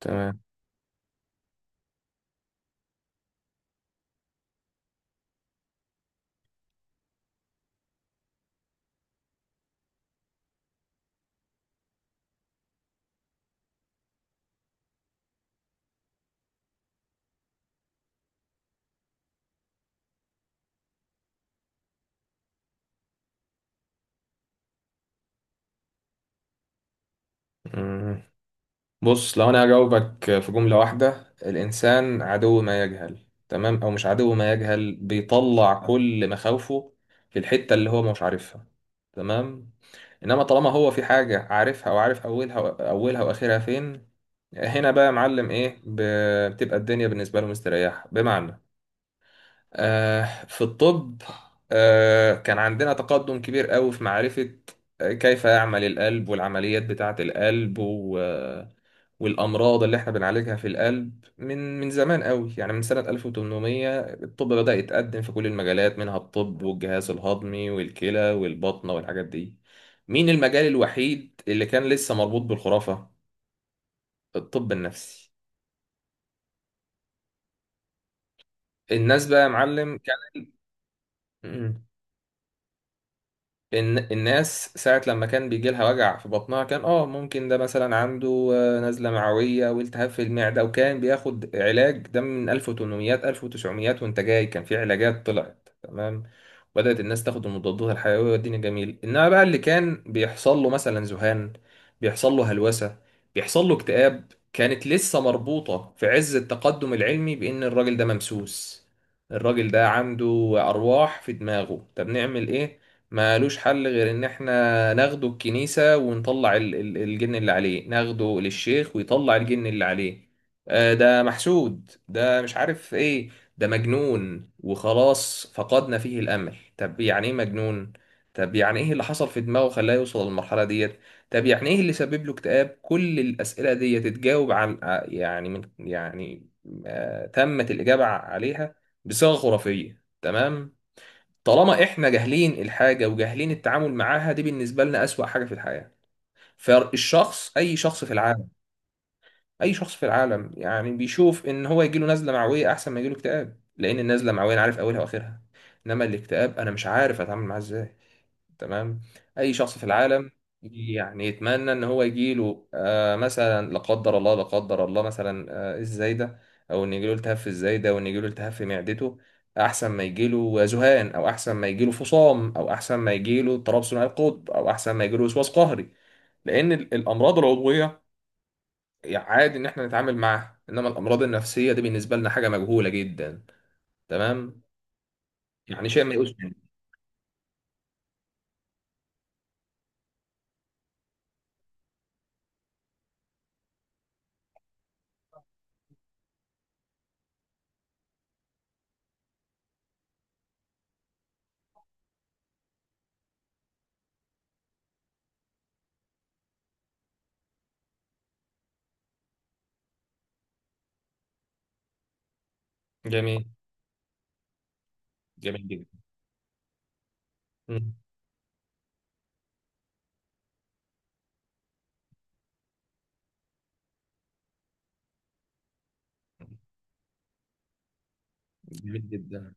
تمام. مم. بص، لو انا هجاوبك في جملة واحدة، الانسان عدو ما يجهل. تمام؟ او مش عدو ما يجهل، بيطلع كل مخاوفه في الحتة اللي هو مش عارفها. تمام. انما طالما هو في حاجة عارفها وعارف اولها واخرها فين، هنا بقى يا معلم ايه بتبقى الدنيا بالنسبة له مستريحة. بمعنى، في الطب، كان عندنا تقدم كبير قوي في معرفة كيف يعمل القلب، والعمليات بتاعة القلب و... آه، والأمراض اللي احنا بنعالجها في القلب. من زمان قوي، يعني من سنة 1800 الطب بدأ يتقدم في كل المجالات، منها الطب والجهاز الهضمي والكلى والبطنة والحاجات دي. مين المجال الوحيد اللي كان لسه مربوط بالخرافة؟ الطب النفسي. الناس بقى يا معلم كان الناس ساعة لما كان بيجي لها وجع في بطنها، كان اه ممكن ده مثلا عنده نزلة معوية والتهاب في المعدة، وكان بياخد علاج ده من 1800 1900 وانت جاي، كان في علاجات طلعت تمام. بدأت الناس تاخد المضادات الحيوية والدنيا جميل، انما بقى اللي كان بيحصل له مثلا ذهان، بيحصل له هلوسة، بيحصل له اكتئاب، كانت لسه مربوطة في عز التقدم العلمي بإن الراجل ده ممسوس، الراجل ده عنده أرواح في دماغه. طب نعمل إيه؟ مالوش حل غير ان احنا ناخده الكنيسة ونطلع الجن اللي عليه، ناخده للشيخ ويطلع الجن اللي عليه. ده محسود، ده مش عارف ايه، ده مجنون وخلاص، فقدنا فيه الامل. طب يعني ايه مجنون؟ طب يعني ايه اللي حصل في دماغه خلاه يوصل للمرحلة ديت؟ طب يعني ايه اللي سبب له اكتئاب؟ كل الاسئلة دي تتجاوب عن ع- يعني من يعني آه، تمت الاجابة عليها بصيغة خرافية. تمام؟ طالما احنا جاهلين الحاجه وجاهلين التعامل معاها، دي بالنسبه لنا اسوأ حاجه في الحياه. فالشخص، اي شخص في العالم، اي شخص في العالم يعني بيشوف ان هو يجيله نزله معويه احسن ما يجيله اكتئاب، لان النزله المعويه انا عارف اولها واخرها، انما الاكتئاب انا مش عارف اتعامل معاه ازاي. تمام. اي شخص في العالم يعني يتمنى ان هو يجيله آه مثلا لا قدر الله، لا قدر الله مثلا الزايده، او ان يجيله التهاب في الزايده، او ان يجيله التهاب في معدته، احسن ما يجيله ذهان، او احسن ما يجيله فصام، او احسن ما يجيله اضطراب ثنائي القطب، او احسن ما يجيله وسواس قهري. لان الامراض العضويه يعني عادي ان احنا نتعامل معاها، انما الامراض النفسيه دي بالنسبه لنا حاجه مجهوله جدا. تمام. يعني شيء ما يقوس منه. جميل. جميل جدا. مم. جميل جدا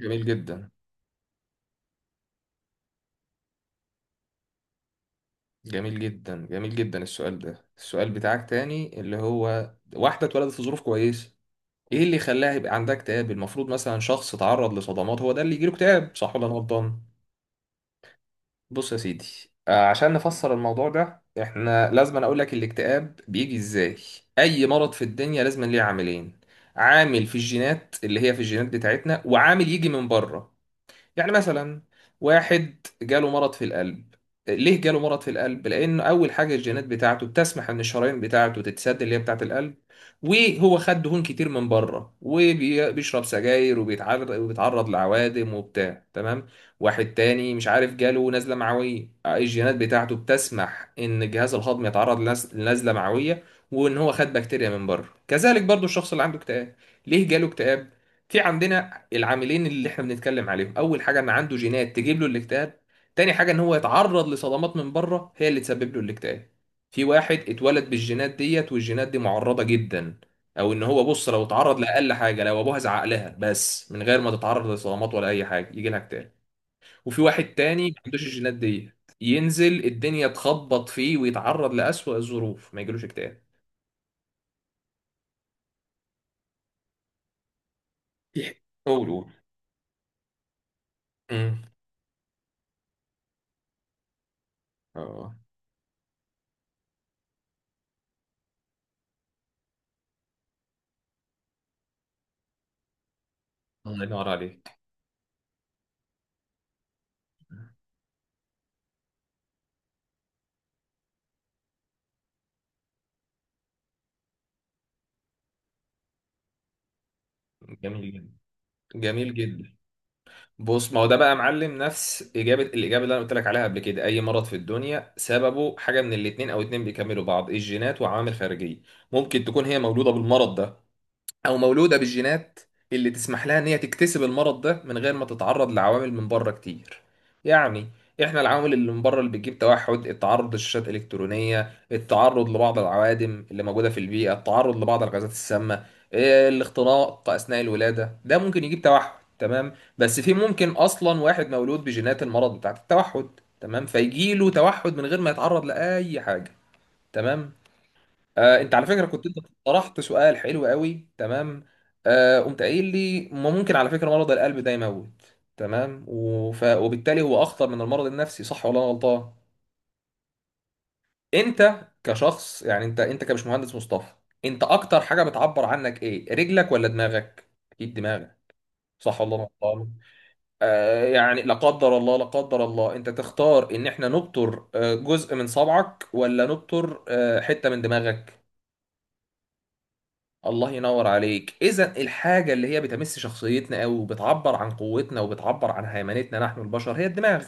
جميل جدا جميل جدا جميل جدا. السؤال ده، السؤال بتاعك تاني، اللي هو واحدة اتولدت في ظروف كويسة، ايه اللي خلاها يبقى عندها اكتئاب؟ المفروض مثلا شخص اتعرض لصدمات هو ده اللي يجيله اكتئاب، صح ولا انا غلطان؟ بص يا سيدي، عشان نفسر الموضوع ده احنا لازم اقول لك الاكتئاب بيجي ازاي. اي مرض في الدنيا لازم ليه عاملين: عامل في الجينات اللي هي في الجينات بتاعتنا، وعامل يجي من بره. يعني مثلا واحد جاله مرض في القلب، ليه جاله مرض في القلب؟ لان اول حاجه الجينات بتاعته بتسمح ان الشرايين بتاعته تتسد اللي هي بتاعه القلب، وهو خد دهون كتير من بره وبيشرب سجاير وبيتعرض لعوادم وبتاع. تمام. واحد تاني مش عارف جاله نزله معويه، الجينات بتاعته بتسمح ان الجهاز الهضمي يتعرض لنزله معويه، وان هو خد بكتيريا من بره. كذلك برضو الشخص اللي عنده اكتئاب، ليه جاله اكتئاب؟ في عندنا العاملين اللي احنا بنتكلم عليهم: اول حاجه ان عنده جينات تجيب له الاكتئاب، تاني حاجه ان هو يتعرض لصدمات من بره هي اللي تسبب له الاكتئاب. في واحد اتولد بالجينات ديت، والجينات دي معرضه جدا، او ان هو بص لو اتعرض لاقل حاجه، لو ابوها زعق لها بس من غير ما تتعرض لصدمات ولا اي حاجه، يجي لها اكتئاب. وفي واحد تاني ما عندوش الجينات ديت، ينزل الدنيا تخبط فيه ويتعرض لأسوأ الظروف ما يجيلوش اكتئاب. يح- قول قول. امم اه. الله ينور عليك. جميل جدا. جميل جدا. بص، ما هو ده بقى يا معلم نفس الاجابه اللي انا قلت لك عليها قبل كده. اي مرض في الدنيا سببه حاجه من الاتنين، او اتنين بيكملوا بعض: الجينات وعوامل خارجيه. ممكن تكون هي مولوده بالمرض ده، او مولوده بالجينات اللي تسمح لها ان هي تكتسب المرض ده من غير ما تتعرض لعوامل من بره كتير. يعني احنا العوامل اللي من بره اللي بتجيب توحد: التعرض لشاشات الكترونيه، التعرض لبعض العوادم اللي موجوده في البيئه، التعرض لبعض الغازات السامه، إيه، الاختناق اثناء الولاده ده ممكن يجيب توحد. تمام. بس في ممكن اصلا واحد مولود بجينات المرض بتاعت التوحد، تمام، فيجيله توحد من غير ما يتعرض لاي حاجه. تمام. انت على فكره انت طرحت سؤال حلو قوي. تمام. قمت قايل لي ما ممكن على فكره مرض القلب ده يموت، تمام، وف... وبالتالي هو اخطر من المرض النفسي، صح ولا انا غلطان؟ انت كشخص، يعني انت كمش مهندس مصطفى، انت اكتر حاجه بتعبر عنك ايه؟ رجلك ولا دماغك؟ اكيد دماغك، صح ولا انا غلطان؟ يعني لا قدر الله، لا قدر الله، انت تختار ان احنا نبتر جزء من صبعك، ولا نبتر حته من دماغك؟ الله ينور عليك. اذا الحاجه اللي هي بتمس شخصيتنا او بتعبر عن قوتنا وبتعبر عن هيمنتنا نحن البشر هي الدماغ.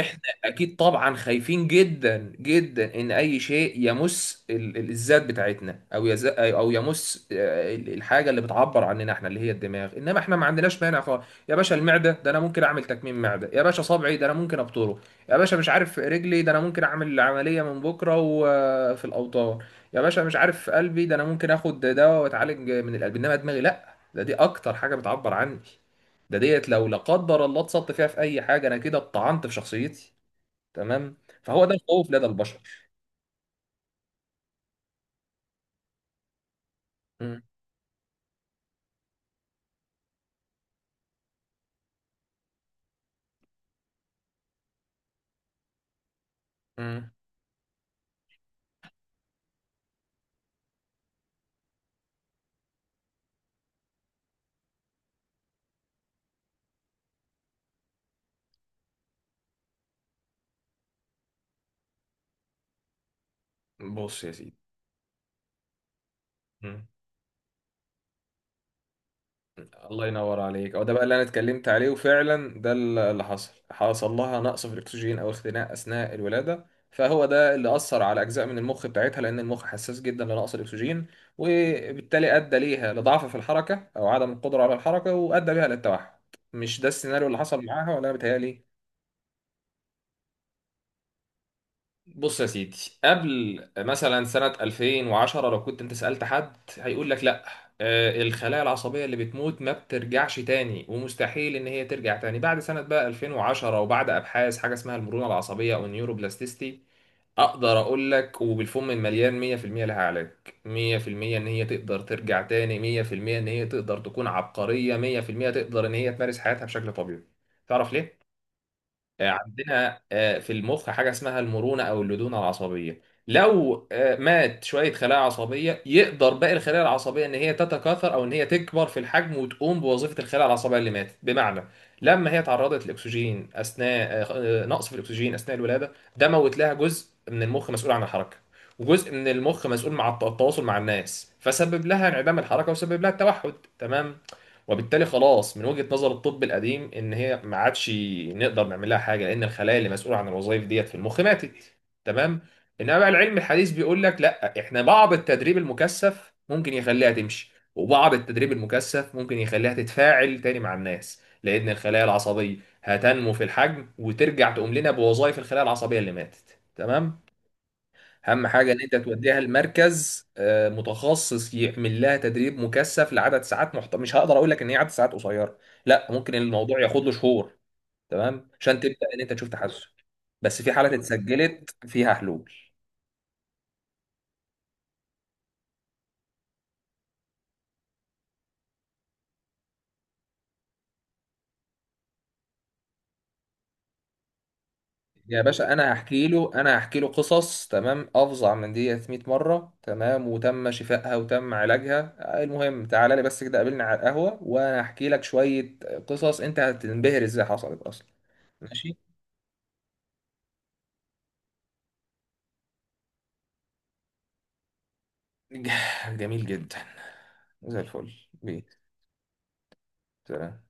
احنا اكيد طبعا خايفين جدا جدا ان اي شيء يمس الذات بتاعتنا، او يز... او يمس آه، الحاجه اللي بتعبر عننا احنا، اللي هي الدماغ. انما احنا ما عندناش مانع خالص. يا باشا المعده ده انا ممكن اعمل تكميم معده، يا باشا صبعي ده انا ممكن ابطره، يا باشا مش عارف رجلي ده انا ممكن اعمل عمليه من بكره وفي الاوطان، يا باشا مش عارف قلبي ده انا ممكن اخد دواء واتعالج من القلب. انما دماغي لا، ده دي اكتر حاجه بتعبر عني، ده ديت لو لا قدر الله اتسطت فيها في اي حاجه، انا كده اتطعنت في شخصيتي. تمام. فهو ده الخوف لدى البشر. مم. مم. بص يا سيدي. مم. الله ينور عليك. او ده بقى اللي انا اتكلمت عليه، وفعلا ده اللي حصل. حصل لها نقص في الاكسجين او اختناق اثناء الولاده، فهو ده اللي اثر على اجزاء من المخ بتاعتها، لان المخ حساس جدا لنقص الاكسجين، وبالتالي ادى ليها لضعف في الحركه او عدم القدره على الحركه، وادى بيها للتوحد. مش ده السيناريو اللي حصل معاها ولا أنا بيتهيألي؟ بص يا سيدي، قبل مثلا سنة 2010 لو كنت انت سألت حد هيقول لك لا، الخلايا العصبية اللي بتموت ما بترجعش تاني، ومستحيل ان هي ترجع تاني. بعد سنة بقى 2010 وبعد ابحاث حاجة اسمها المرونة العصبية او النيوروبلاستيستي، اقدر اقول لك وبالفم المليان 100% لها علاج. 100% ان هي تقدر ترجع تاني. 100% ان هي تقدر تكون عبقرية. 100% تقدر ان هي تمارس حياتها بشكل طبيعي. تعرف ليه؟ عندنا في المخ حاجة اسمها المرونة أو اللدونة العصبية. لو مات شوية خلايا عصبية، يقدر باقي الخلايا العصبية إن هي تتكاثر أو إن هي تكبر في الحجم وتقوم بوظيفة الخلايا العصبية اللي ماتت. بمعنى، لما هي تعرضت للأكسجين أثناء، نقص في الأكسجين أثناء الولادة، ده موت لها جزء من المخ مسؤول عن الحركة، وجزء من المخ مسؤول مع التواصل مع الناس، فسبب لها انعدام الحركة وسبب لها التوحد. تمام. وبالتالي خلاص، من وجهة نظر الطب القديم، ان هي ما عادش نقدر نعمل لها حاجه، لان الخلايا اللي مسؤوله عن الوظائف ديت في المخ ماتت. تمام. انما بقى العلم الحديث بيقول لك لا، احنا بعض التدريب المكثف ممكن يخليها تمشي، وبعض التدريب المكثف ممكن يخليها تتفاعل تاني مع الناس، لان الخلايا العصبيه هتنمو في الحجم وترجع تقوم لنا بوظائف الخلايا العصبيه اللي ماتت. تمام. اهم حاجه ان انت توديها لمركز متخصص يعمل لها تدريب مكثف لعدد ساعات مش هقدر اقول لك ان هي عدد ساعات قصيره، لا ممكن الموضوع ياخد له شهور. تمام، عشان تبدا ان انت تشوف تحسن. بس في حالات اتسجلت فيها حلول. يا باشا انا هحكي له، انا هحكي له قصص تمام افظع من دي 100 مره، تمام، وتم شفائها وتم علاجها. المهم تعالى لي بس كده، قابلني على القهوه وانا هحكي لك شويه قصص انت هتنبهر ازاي حصلت اصلا. ماشي. ج- جميل جدا. زي الفل بيه. سلام.